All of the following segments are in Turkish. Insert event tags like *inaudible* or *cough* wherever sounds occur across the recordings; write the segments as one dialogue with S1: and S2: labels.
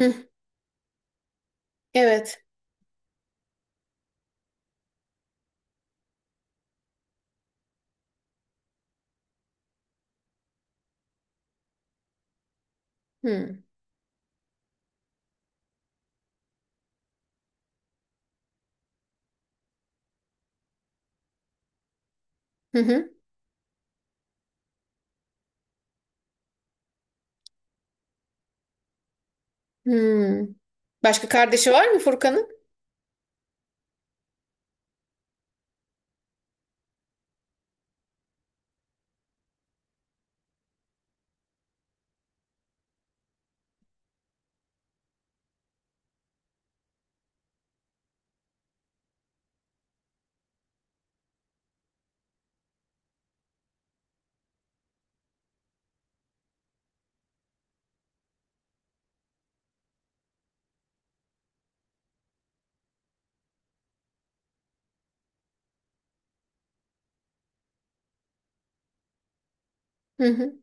S1: Hı, evet. Hı, hı, hı, hı. Başka kardeşi var mı Furkan'ın? Hı hı.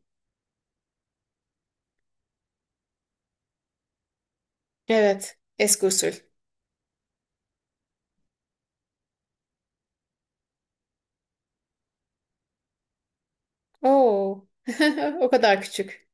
S1: Evet. Eski usul. Oo. *laughs* O kadar küçük.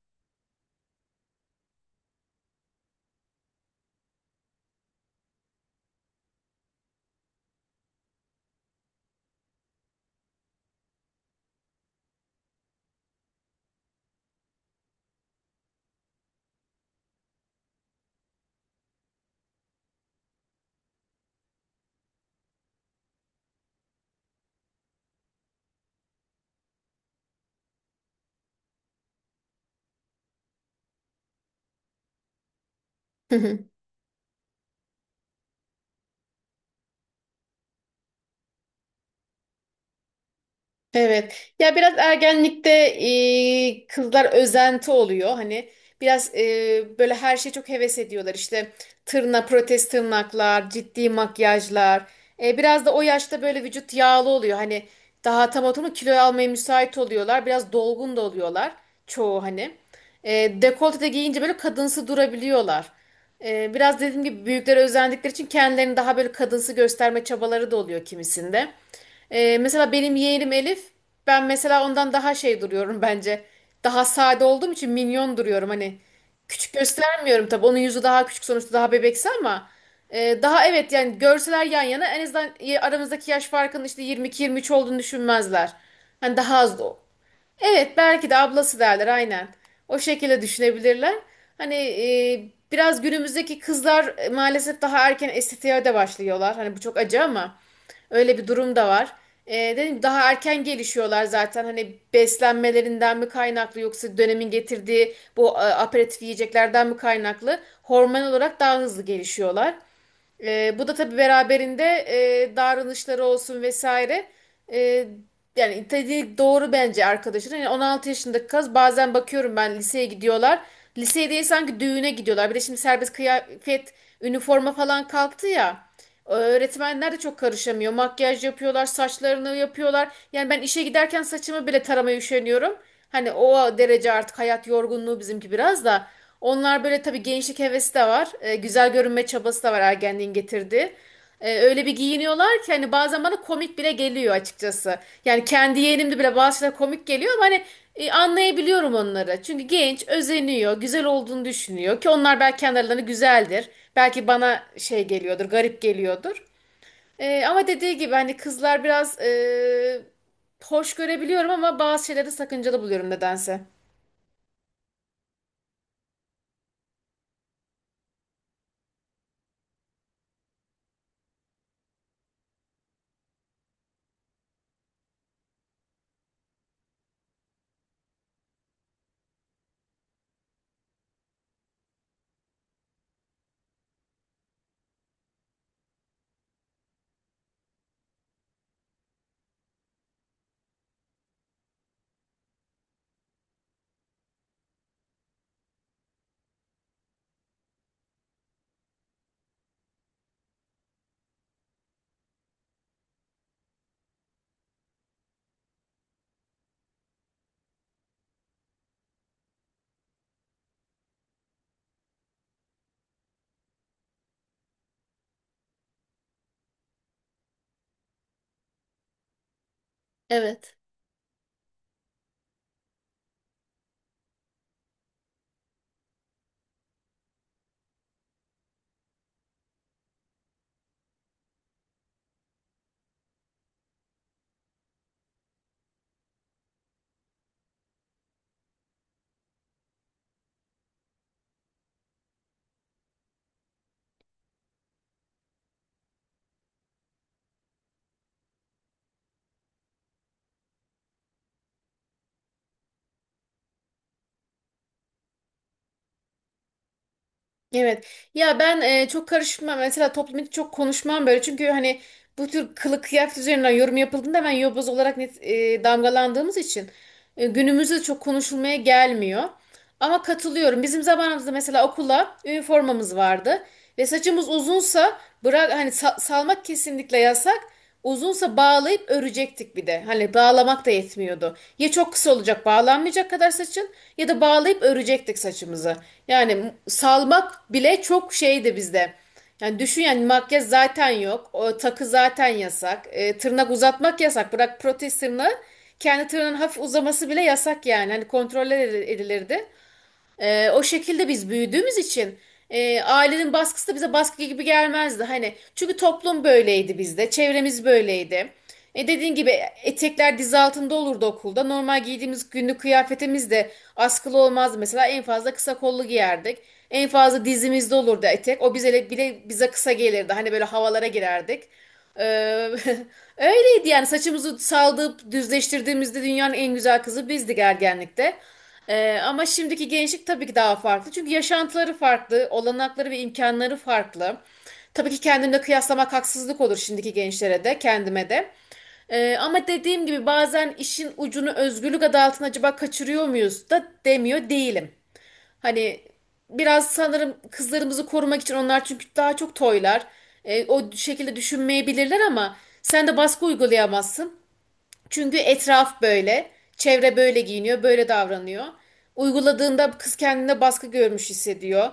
S1: *laughs* Evet. Ya biraz ergenlikte kızlar özenti oluyor. Hani biraz böyle her şeye çok heves ediyorlar. İşte protez tırnaklar, ciddi makyajlar. Biraz da o yaşta böyle vücut yağlı oluyor. Hani daha tam oturma kilo almaya müsait oluyorlar. Biraz dolgun da oluyorlar çoğu hani. Dekolte de giyince böyle kadınsı durabiliyorlar. Biraz dediğim gibi büyüklere özendikleri için kendilerini daha böyle kadınsı gösterme çabaları da oluyor kimisinde. Mesela benim yeğenim Elif, ben mesela ondan daha şey duruyorum bence. Daha sade olduğum için minyon duruyorum hani. Küçük göstermiyorum tabii. Onun yüzü daha küçük sonuçta daha bebeksi ama daha evet yani görseler yan yana en azından aramızdaki yaş farkının işte 22-23 olduğunu düşünmezler. Hani daha az. Evet, belki de ablası derler aynen. O şekilde düşünebilirler. Hani biraz günümüzdeki kızlar maalesef daha erken estetiğe de başlıyorlar. Hani bu çok acı ama öyle bir durum da var. Dedim daha erken gelişiyorlar zaten. Hani beslenmelerinden mi kaynaklı yoksa dönemin getirdiği bu aperatif yiyeceklerden mi kaynaklı? Hormon olarak daha hızlı gelişiyorlar. Bu da tabii beraberinde davranışları olsun vesaire. Ee, Yani dediği doğru bence arkadaşın. Yani 16 yaşındaki kız bazen bakıyorum ben liseye gidiyorlar. Liseye değil sanki düğüne gidiyorlar. Bir de şimdi serbest kıyafet, üniforma falan kalktı ya. Öğretmenler de çok karışamıyor. Makyaj yapıyorlar, saçlarını yapıyorlar. Yani ben işe giderken saçımı bile taramaya üşeniyorum. Hani o derece artık hayat yorgunluğu bizimki biraz da. Onlar böyle tabii gençlik hevesi de var. Güzel görünme çabası da var ergenliğin getirdiği. Öyle bir giyiniyorlar ki hani bazen bana komik bile geliyor açıkçası. Yani kendi yeğenimde bile bazı şeyler komik geliyor ama hani anlayabiliyorum onları. Çünkü genç özeniyor, güzel olduğunu düşünüyor ki onlar belki kendilerine güzeldir. Belki bana şey geliyordur, garip geliyordur. Ama dediği gibi hani kızlar biraz hoş görebiliyorum ama bazı şeyleri sakıncalı buluyorum nedense. Evet. Evet. Ya ben çok karışmam. Mesela toplum için çok konuşmam böyle. Çünkü hani bu tür kılık kıyafet üzerinden yorum yapıldığında ben yobaz olarak net damgalandığımız için günümüzde çok konuşulmaya gelmiyor. Ama katılıyorum. Bizim zamanımızda mesela okula üniformamız vardı ve saçımız uzunsa bırak hani salmak kesinlikle yasak. Uzunsa bağlayıp örecektik bir de. Hani bağlamak da yetmiyordu. Ya çok kısa olacak bağlanmayacak kadar saçın ya da bağlayıp örecektik saçımızı. Yani salmak bile çok şeydi bizde. Yani düşün yani makyaj zaten yok. O takı zaten yasak. Tırnak uzatmak yasak. Bırak protez tırnağı. Kendi tırnağın hafif uzaması bile yasak yani. Hani kontrol edilirdi. O şekilde biz büyüdüğümüz için ailenin baskısı da bize baskı gibi gelmezdi. Hani çünkü toplum böyleydi bizde, çevremiz böyleydi. Dediğin gibi etekler diz altında olurdu okulda. Normal giydiğimiz günlük kıyafetimiz de askılı olmazdı. Mesela en fazla kısa kollu giyerdik. En fazla dizimizde olurdu etek. O bize bile bize kısa gelirdi. Hani böyle havalara girerdik. Ee, *laughs* Öyleydi yani saçımızı saldırıp düzleştirdiğimizde dünyanın en güzel kızı bizdik ergenlikte. Ama şimdiki gençlik tabii ki daha farklı. Çünkü yaşantıları farklı, olanakları ve imkanları farklı. Tabii ki kendimle kıyaslamak haksızlık olur şimdiki gençlere de, kendime de. Ama dediğim gibi bazen işin ucunu özgürlük adı altında acaba kaçırıyor muyuz da demiyor değilim. Hani biraz sanırım kızlarımızı korumak için onlar çünkü daha çok toylar. O şekilde düşünmeyebilirler ama sen de baskı uygulayamazsın. Çünkü etraf böyle, çevre böyle giyiniyor, böyle davranıyor. Uyguladığında kız kendine baskı görmüş hissediyor.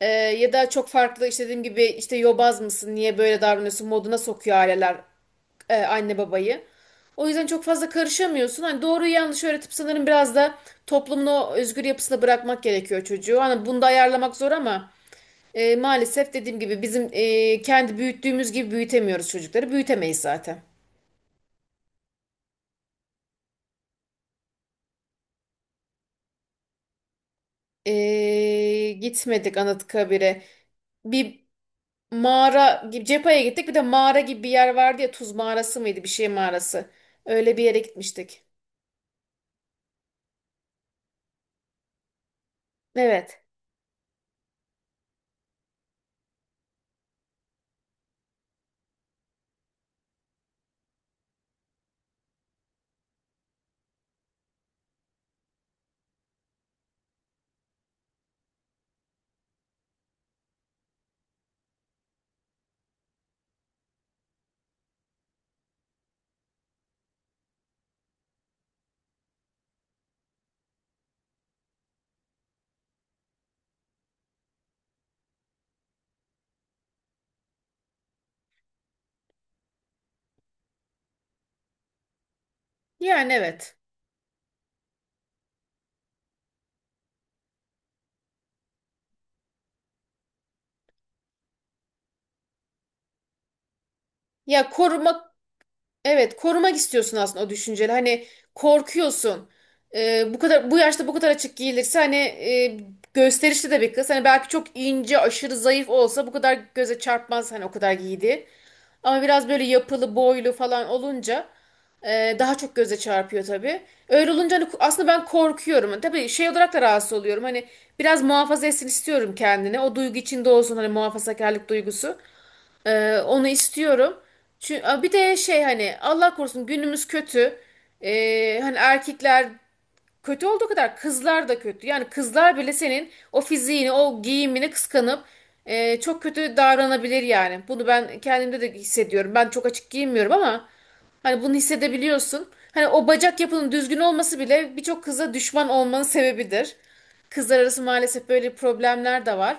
S1: Ya da çok farklı işte dediğim gibi işte yobaz mısın, niye böyle davranıyorsun moduna sokuyor aileler anne babayı. O yüzden çok fazla karışamıyorsun. Hani doğruyu yanlış öğretip sanırım biraz da toplumun o özgür yapısına bırakmak gerekiyor çocuğu. Hani bunu da ayarlamak zor ama maalesef dediğim gibi bizim kendi büyüttüğümüz gibi büyütemiyoruz çocukları. Büyütemeyiz zaten. Gitmedik Anıtkabir'e. Bir mağara gibi Cepa'ya gittik. Bir de mağara gibi bir yer vardı ya Tuz mağarası mıydı bir şey mağarası. Öyle bir yere gitmiştik. Evet. Yani evet. Ya koruma Evet, korumak istiyorsun aslında o düşünceli. Hani korkuyorsun. Bu kadar bu yaşta bu kadar açık giyilirse hani gösterişli de bir kız. Hani belki çok ince, aşırı zayıf olsa bu kadar göze çarpmaz hani o kadar giydi. Ama biraz böyle yapılı, boylu falan olunca daha çok göze çarpıyor tabii. Öyle olunca hani aslında ben korkuyorum. Tabii şey olarak da rahatsız oluyorum. Hani biraz muhafaza etsin istiyorum kendini. O duygu içinde olsun hani muhafazakarlık duygusu. Onu istiyorum. Çünkü bir de şey hani Allah korusun günümüz kötü. Hani erkekler kötü olduğu kadar kızlar da kötü. Yani kızlar bile senin o fiziğini, o giyimini kıskanıp çok kötü davranabilir yani. Bunu ben kendimde de hissediyorum. Ben çok açık giyinmiyorum ama hani bunu hissedebiliyorsun. Hani o bacak yapının düzgün olması bile birçok kıza düşman olmanın sebebidir. Kızlar arası maalesef böyle problemler de var.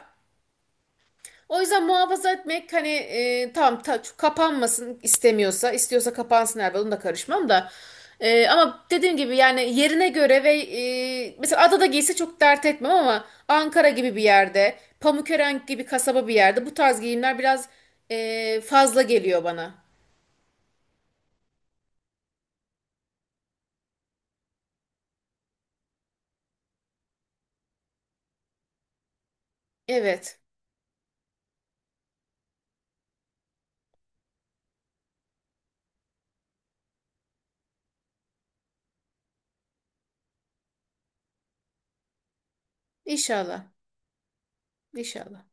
S1: O yüzden muhafaza etmek hani tamam kapanmasın istemiyorsa istiyorsa kapansın herhalde onu da karışmam da. Ama dediğim gibi yani yerine göre ve mesela adada giyse çok dert etmem ama Ankara gibi bir yerde, Pamukören gibi kasaba bir yerde bu tarz giyimler biraz fazla geliyor bana. Evet. İnşallah. İnşallah.